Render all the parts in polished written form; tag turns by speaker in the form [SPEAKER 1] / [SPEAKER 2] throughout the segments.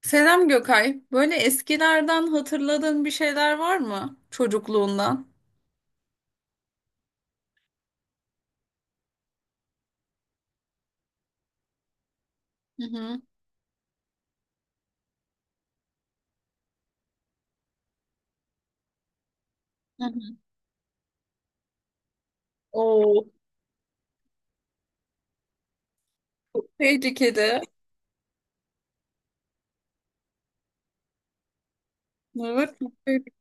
[SPEAKER 1] Selam Gökay. Böyle eskilerden hatırladığın bir şeyler var mı çocukluğundan? Hı hı. Hı hı. Oo. Tehlikeli. Evet. Çok tehlikeli.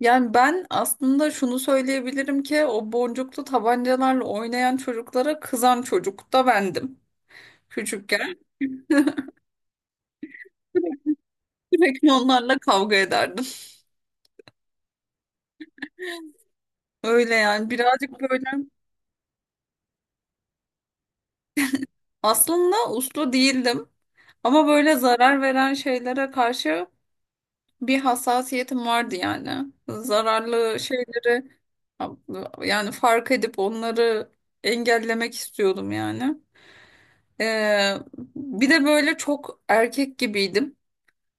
[SPEAKER 1] Yani ben aslında şunu söyleyebilirim ki o boncuklu tabancalarla oynayan çocuklara kızan çocuk da bendim. Küçükken sürekli onlarla kavga ederdim. Öyle yani, birazcık böyle aslında uslu değildim ama böyle zarar veren şeylere karşı bir hassasiyetim vardı yani. Zararlı şeyleri, yani fark edip onları engellemek istiyordum yani. Ee, Bir de böyle çok erkek gibiydim.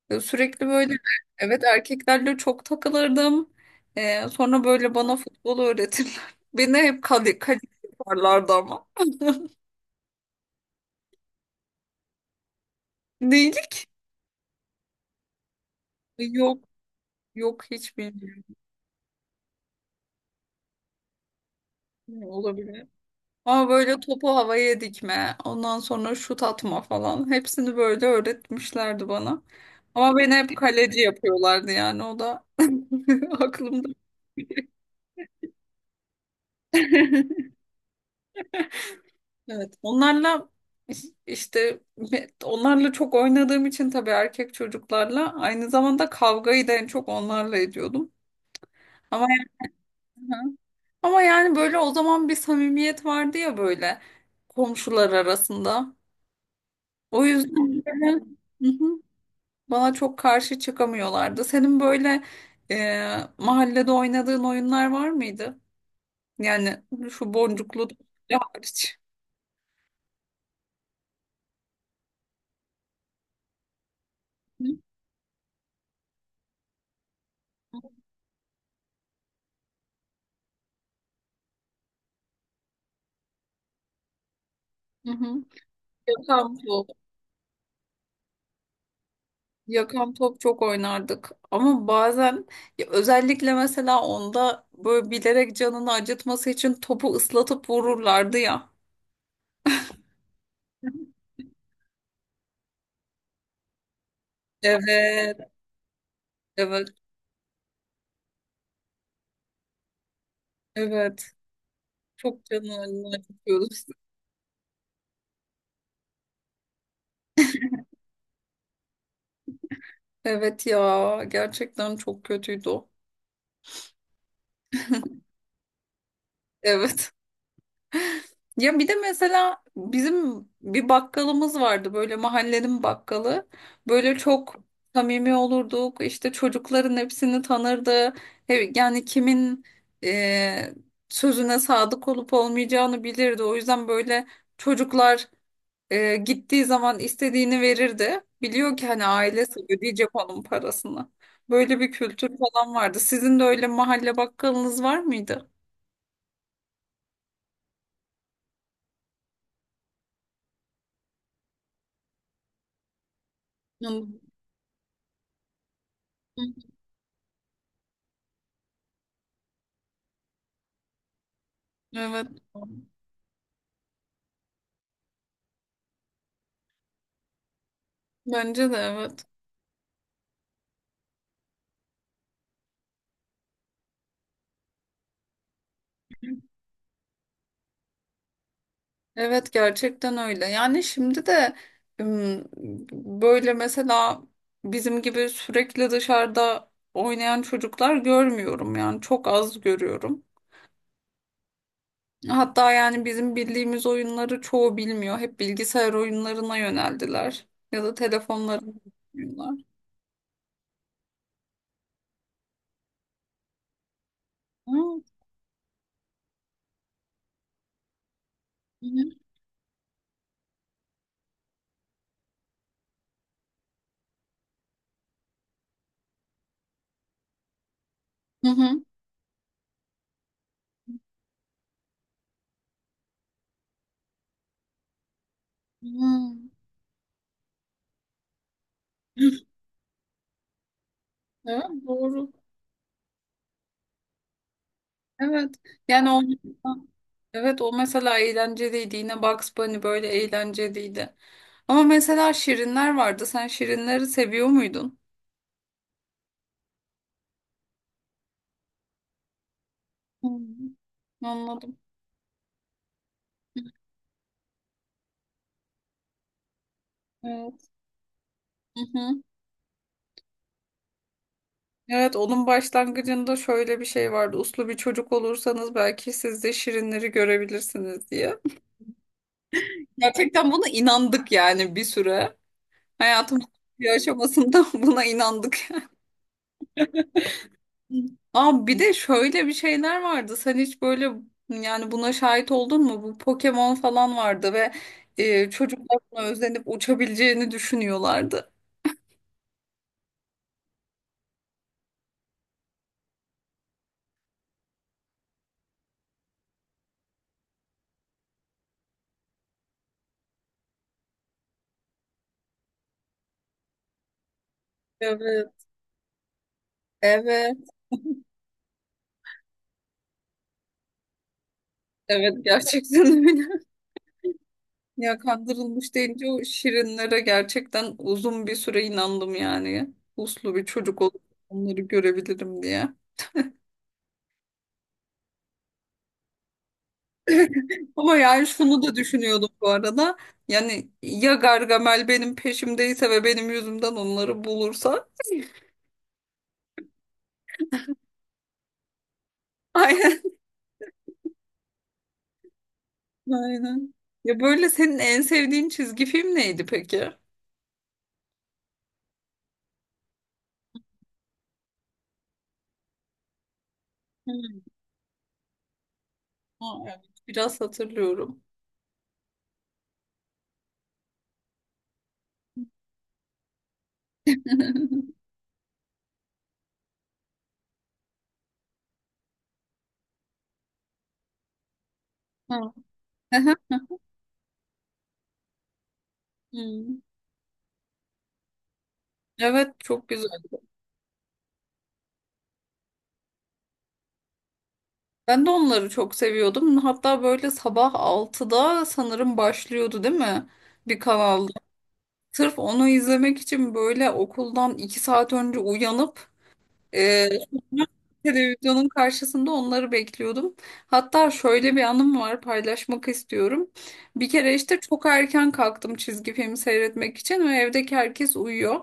[SPEAKER 1] Sürekli böyle, evet, erkeklerle çok takılırdım. Sonra böyle bana futbol öğretirler. Beni hep kale, kale yaparlardı ama. Değil. Yok, yok, hiç bilmiyorum. Olabilir. Ama böyle topu havaya dikme, ondan sonra şut atma falan. Hepsini böyle öğretmişlerdi bana. Ama beni hep kaleci yapıyorlardı, yani o da aklımda. Evet, onlarla iş- işte me- onlarla çok oynadığım için tabii erkek çocuklarla aynı zamanda kavgayı da en çok onlarla ediyordum. Ama ama yani böyle o zaman bir samimiyet vardı ya, böyle komşular arasında. O yüzden böyle. Hı hı. Bana çok karşı çıkamıyorlardı. Senin böyle, mahallede oynadığın oyunlar var mıydı? Yani, şu boncuklu da hariç. Hı hı. Hı. Yakan top. Yakan top çok oynardık. Ama bazen, ya özellikle mesela onda böyle bilerek canını acıtması için topu ıslatıp vururlardı ya. Evet, evet, evet. Çok canını acıtıyordu. Evet ya, gerçekten çok kötüydü o. Evet. Ya bir de mesela bizim bir bakkalımız vardı, böyle mahallenin bakkalı. Böyle çok samimi olurduk. İşte çocukların hepsini tanırdı. Yani kimin, e, sözüne sadık olup olmayacağını bilirdi. O yüzden böyle çocuklar gittiği zaman istediğini verirdi. Biliyor ki hani ailesi ödeyecek onun parasını. Böyle bir kültür falan vardı. Sizin de öyle mahalle bakkalınız var mıydı? Yani- Evet. Bence de evet. Evet, gerçekten öyle. Yani şimdi de ım, böyle mesela bizim gibi sürekli dışarıda oynayan çocuklar görmüyorum, yani çok az görüyorum. Hatta yani bizim bildiğimiz oyunları çoğu bilmiyor. Hep bilgisayar oyunlarına yöneldiler ya da telefonlarına oynuyorlar. Hı hı. Hı hı. Hı. Evet, doğru. Evet. Yani o, evet, o mesela eğlenceliydi. Yine Bugs Bunny böyle eğlenceliydi. Ama mesela Şirinler vardı. Sen Şirinleri seviyor muydun? Hmm, anladım. Evet. Hı hı. Evet, onun başlangıcında şöyle bir şey vardı. Uslu bir çocuk olursanız belki siz de Şirinleri görebilirsiniz diye. Gerçekten buna inandık yani, bir süre. Hayatımızın bir aşamasında buna inandık. Aa, bir de şöyle bir şeyler vardı. Sen hiç böyle, yani buna şahit oldun mu? Bu Pokemon falan vardı ve çocuklar buna özenip uçabileceğini düşünüyorlardı. Evet. Evet. Evet, gerçekten öyle. Ya kandırılmış deyince, o şirinlere gerçekten uzun bir süre inandım yani. Uslu bir çocuk olup onları görebilirim diye. Ama yani şunu da düşünüyordum bu arada. Yani ya Gargamel benim peşimdeyse ve benim yüzümden onları bulursa. Aynen, aynen. Ya böyle senin en sevdiğin çizgi film neydi peki? Hmm, ha, evet, biraz hatırlıyorum. Ha, aha, hmm. Evet, çok güzel. Ben de onları çok seviyordum. Hatta böyle sabah 6'da sanırım başlıyordu, değil mi? Bir kanalda. Sırf onu izlemek için böyle okuldan 2 saat önce uyanıp Ee, televizyonun karşısında onları bekliyordum. Hatta şöyle bir anım var, paylaşmak istiyorum. Bir kere işte çok erken kalktım çizgi film seyretmek için ve evdeki herkes uyuyor.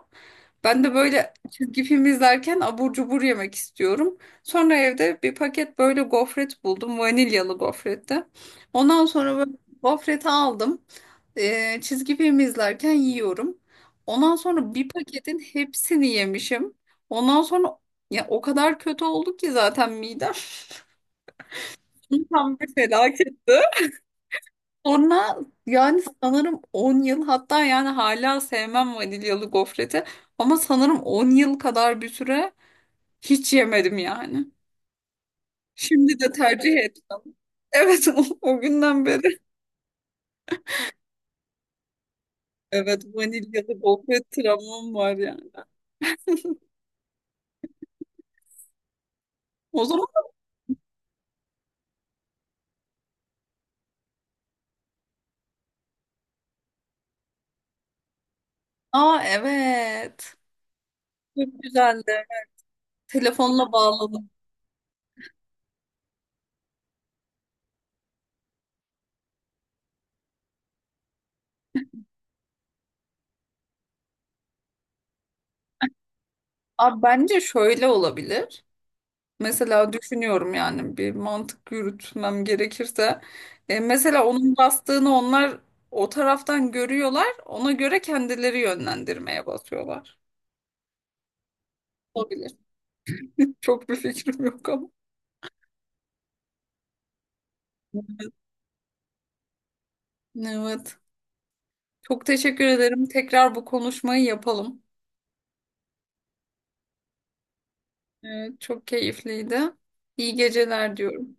[SPEAKER 1] Ben de böyle çizgi film izlerken abur cubur yemek istiyorum. Sonra evde bir paket böyle gofret buldum. Vanilyalı gofretti. Ondan sonra böyle gofreti aldım. Çizgi film izlerken yiyorum. Ondan sonra bir paketin hepsini yemişim. Ondan sonra, ya, o kadar kötü oldu ki zaten midem tam bir felaketti. Sonra, yani sanırım 10 yıl, hatta yani hala sevmem vanilyalı gofreti, ama sanırım 10 yıl kadar bir süre hiç yemedim yani. Şimdi de tercih ettim. Evet, o günden beri. Evet, vanilyalı gofret travmam var yani. O zaman, aa, evet. Çok güzeldi. Telefonla bağladım. Abi bence şöyle olabilir. Mesela düşünüyorum, yani bir mantık yürütmem gerekirse. Mesela onun bastığını onlar o taraftan görüyorlar. Ona göre kendileri yönlendirmeye basıyorlar. Olabilir. Çok bir fikrim yok ama. Evet. Çok teşekkür ederim. Tekrar bu konuşmayı yapalım. Evet, çok keyifliydi. İyi geceler diyorum.